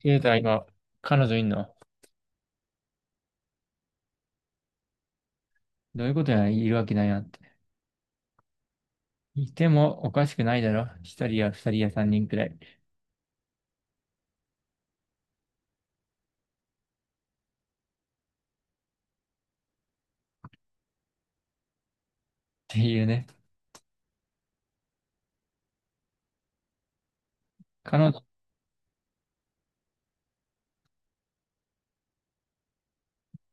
ケイタ今、彼女いんの？どういうことや、いるわけないなって。いてもおかしくないだろ。一人や二人や三人くらい、っていうね。可能、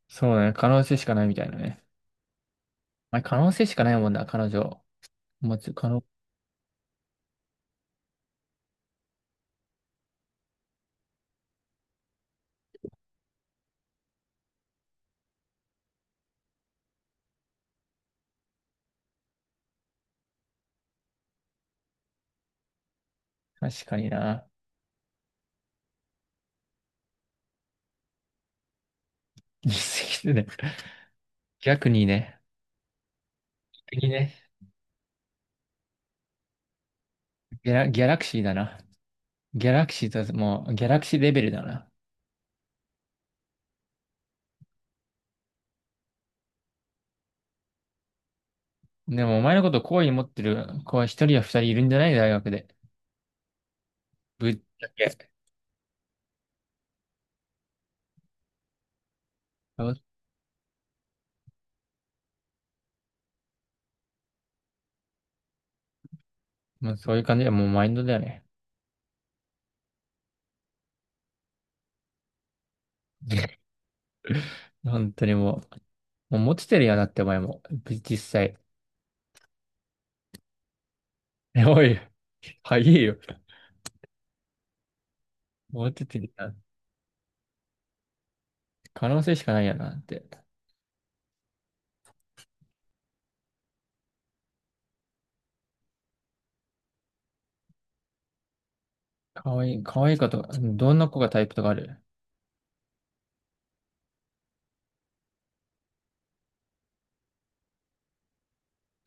そうだね。可能性しかないみたいなね。まあ、可能性しかないもんな、彼女。持つ可能、確かにな。言い過ぎてね。逆にね。逆にね。ギャラクシーだな。ギャラクシーレベルだな。でも、お前のこと好意に持ってる子は一人や二人いるんじゃない？大学で。ぶっちゃけ。そう、もうそういう感じで、もうマインドだよね。本当にもうモテてるやなってお前も、実際。え、おい、はいいよ。モテてるやん。可能性しかないやなって。可愛い、可愛い子とか、どんな子がタイプとかある？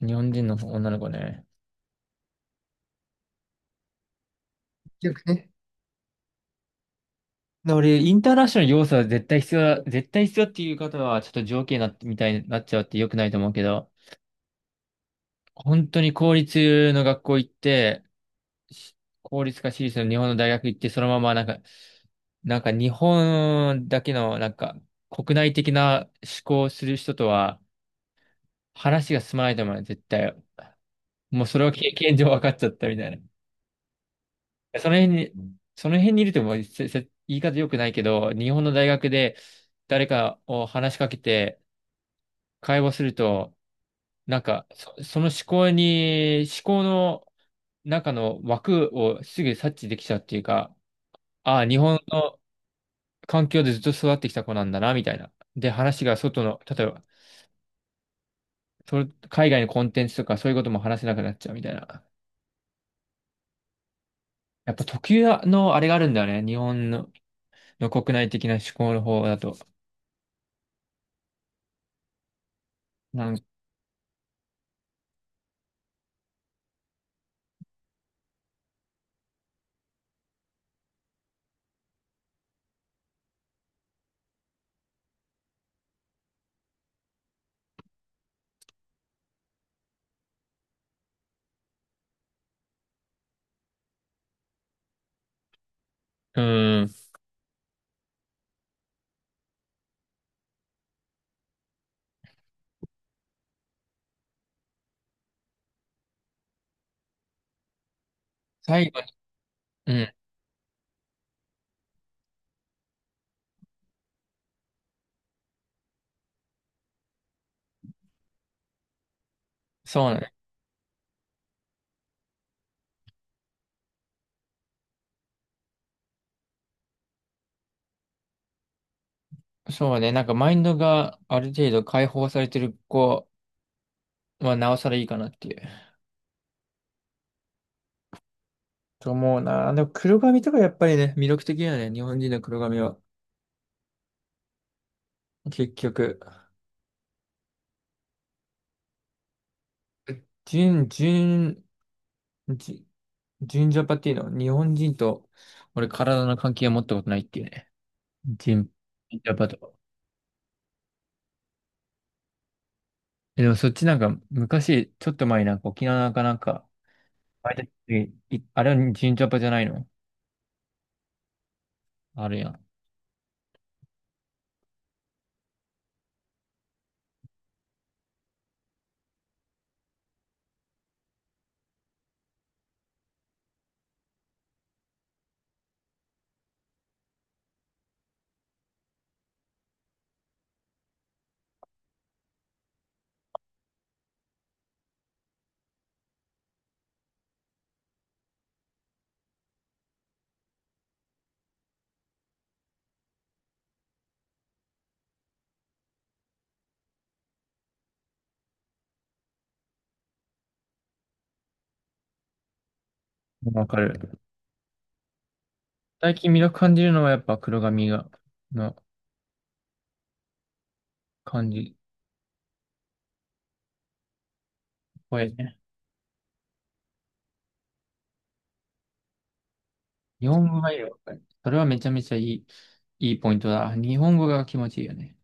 日本人の女の子ね。結局ね。俺、インターナショナル要素は絶対必要だ、絶対必要っていう方は、ちょっと条件になってみたいになっちゃうって良くないと思うけど、本当に公立の学校行って、し公立か私立の日本の大学行って、そのままなんか、なんか日本だけのなんか国内的な思考をする人とは話が進まないと思うよ、絶対。もうそれは経験上分かっちゃったみたいな。その辺にいると、もう言い方良くないけど、日本の大学で誰かを話しかけて会話すると、なんかその思考の中の枠をすぐ察知できちゃうっていうか、ああ、日本の環境でずっと育ってきた子なんだな、みたいな。で、話が外の、例えば、それ海外のコンテンツとかそういうことも話せなくなっちゃうみたいな。やっぱ特有のあれがあるんだよね。日本の国内的な思考の方だと。なんうん。最後に、うん。そうね。そうね。なんかマインドがある程度解放されてる子はなおさらいいかなっていうと思うな。でも黒髪とかやっぱりね、魅力的だよね。日本人の黒髪は。結局。純、純ジ、ジンジャパっていうのは日本人と俺体の関係を持ったことないっていうね。ジン、ジンジャパと。え、でもそっちなんか昔、ちょっと前になんか沖縄かなんか、あれだいあれはジンジャパじゃないの？あるやん。わかる。最近魅力感じるのはやっぱ黒髪の感じ。これね。日本語がいいよ。それはめちゃめちゃいいポイントだ。日本語が気持ちいいよね。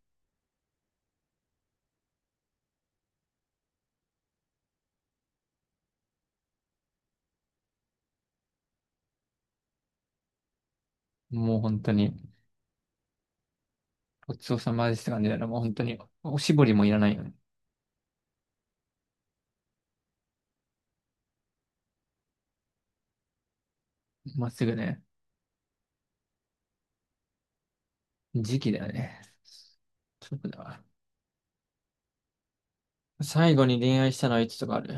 もう本当に、ごちそうさまですって感じだよね。もう本当に、おしぼりもいらないよね。まっすぐね。時期だよね。そうだわ。最後に恋愛したのはいつとかある？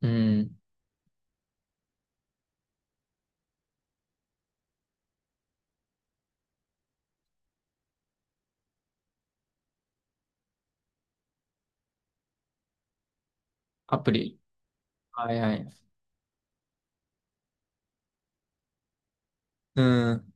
うん。アプリ。はいはい。うん。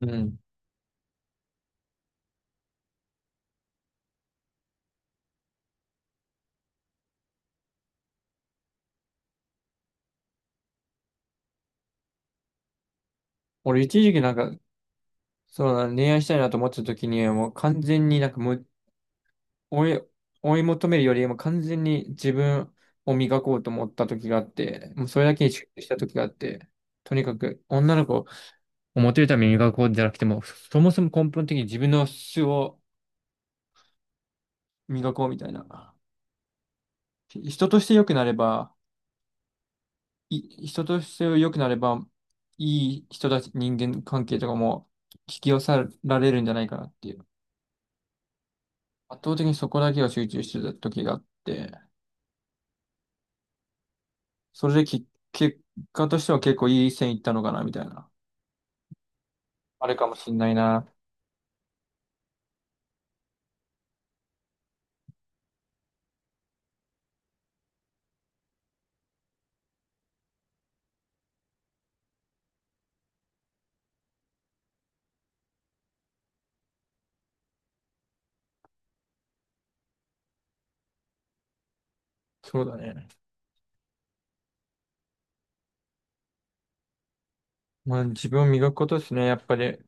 うん。俺一時期なんか、そうだ、恋愛したいなと思ってた時にはもう完全になんかもう追い、追い求めるよりも完全に自分を磨こうと思った時があって、もうそれだけに集中した時があって、とにかく女の子をモテるために磨こうじゃなくても、そもそも根本的に自分の素を磨こうみたいな。人として良くなれば、い、人として良くなれば、いい人たち、人間関係とかも引き寄せられるんじゃないかなっていう。圧倒的にそこだけが集中してた時があって、それでき、結果としては結構いい線いったのかな、みたいな。あれかもしんないな。そうだね。まあ自分を磨くことですね、やっぱり。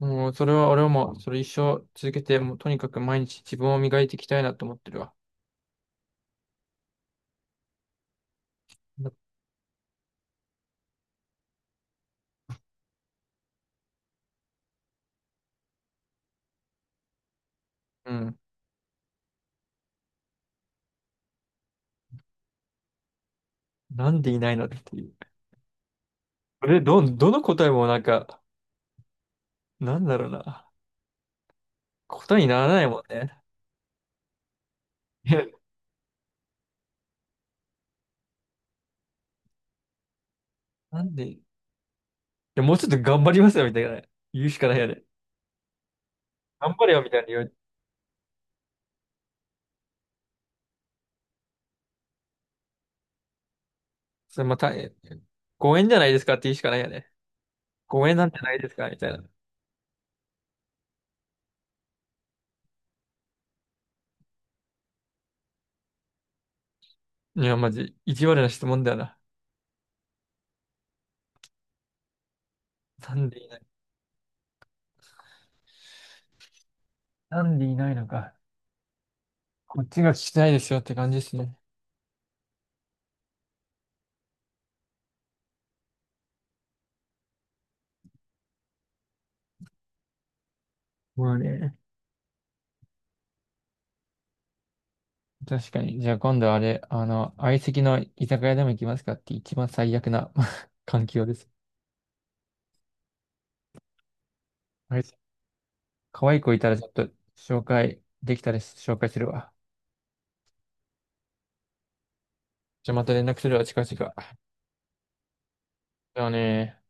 もうそれは俺はもうそれ一生続けて、もうとにかく毎日自分を磨いていきたいなと思ってるわ。うん。なんでいないのっていう。それどの答えもなんか、なんだろうな。ことにならないもんね。いやなんで、いや、もうちょっと頑張りますよ、みたいな。言うしかないよね。頑張れよ、みたいな言う。それまた、ご縁じゃないですかって言うしかないよね。ご縁なんてないですかみたいな。いや、マジ、意地悪な質問だよな。なんでいない。なんでいないのか。こっちが聞きたいですよって感じですね。まあね。確かに。じゃあ今度あれ、あの、相席の居酒屋でも行きますかって一番最悪な 環境です。あれ、可愛い子いたらちょっと紹介できたら紹介するわ。じゃあまた連絡するわ、近々。じゃあね。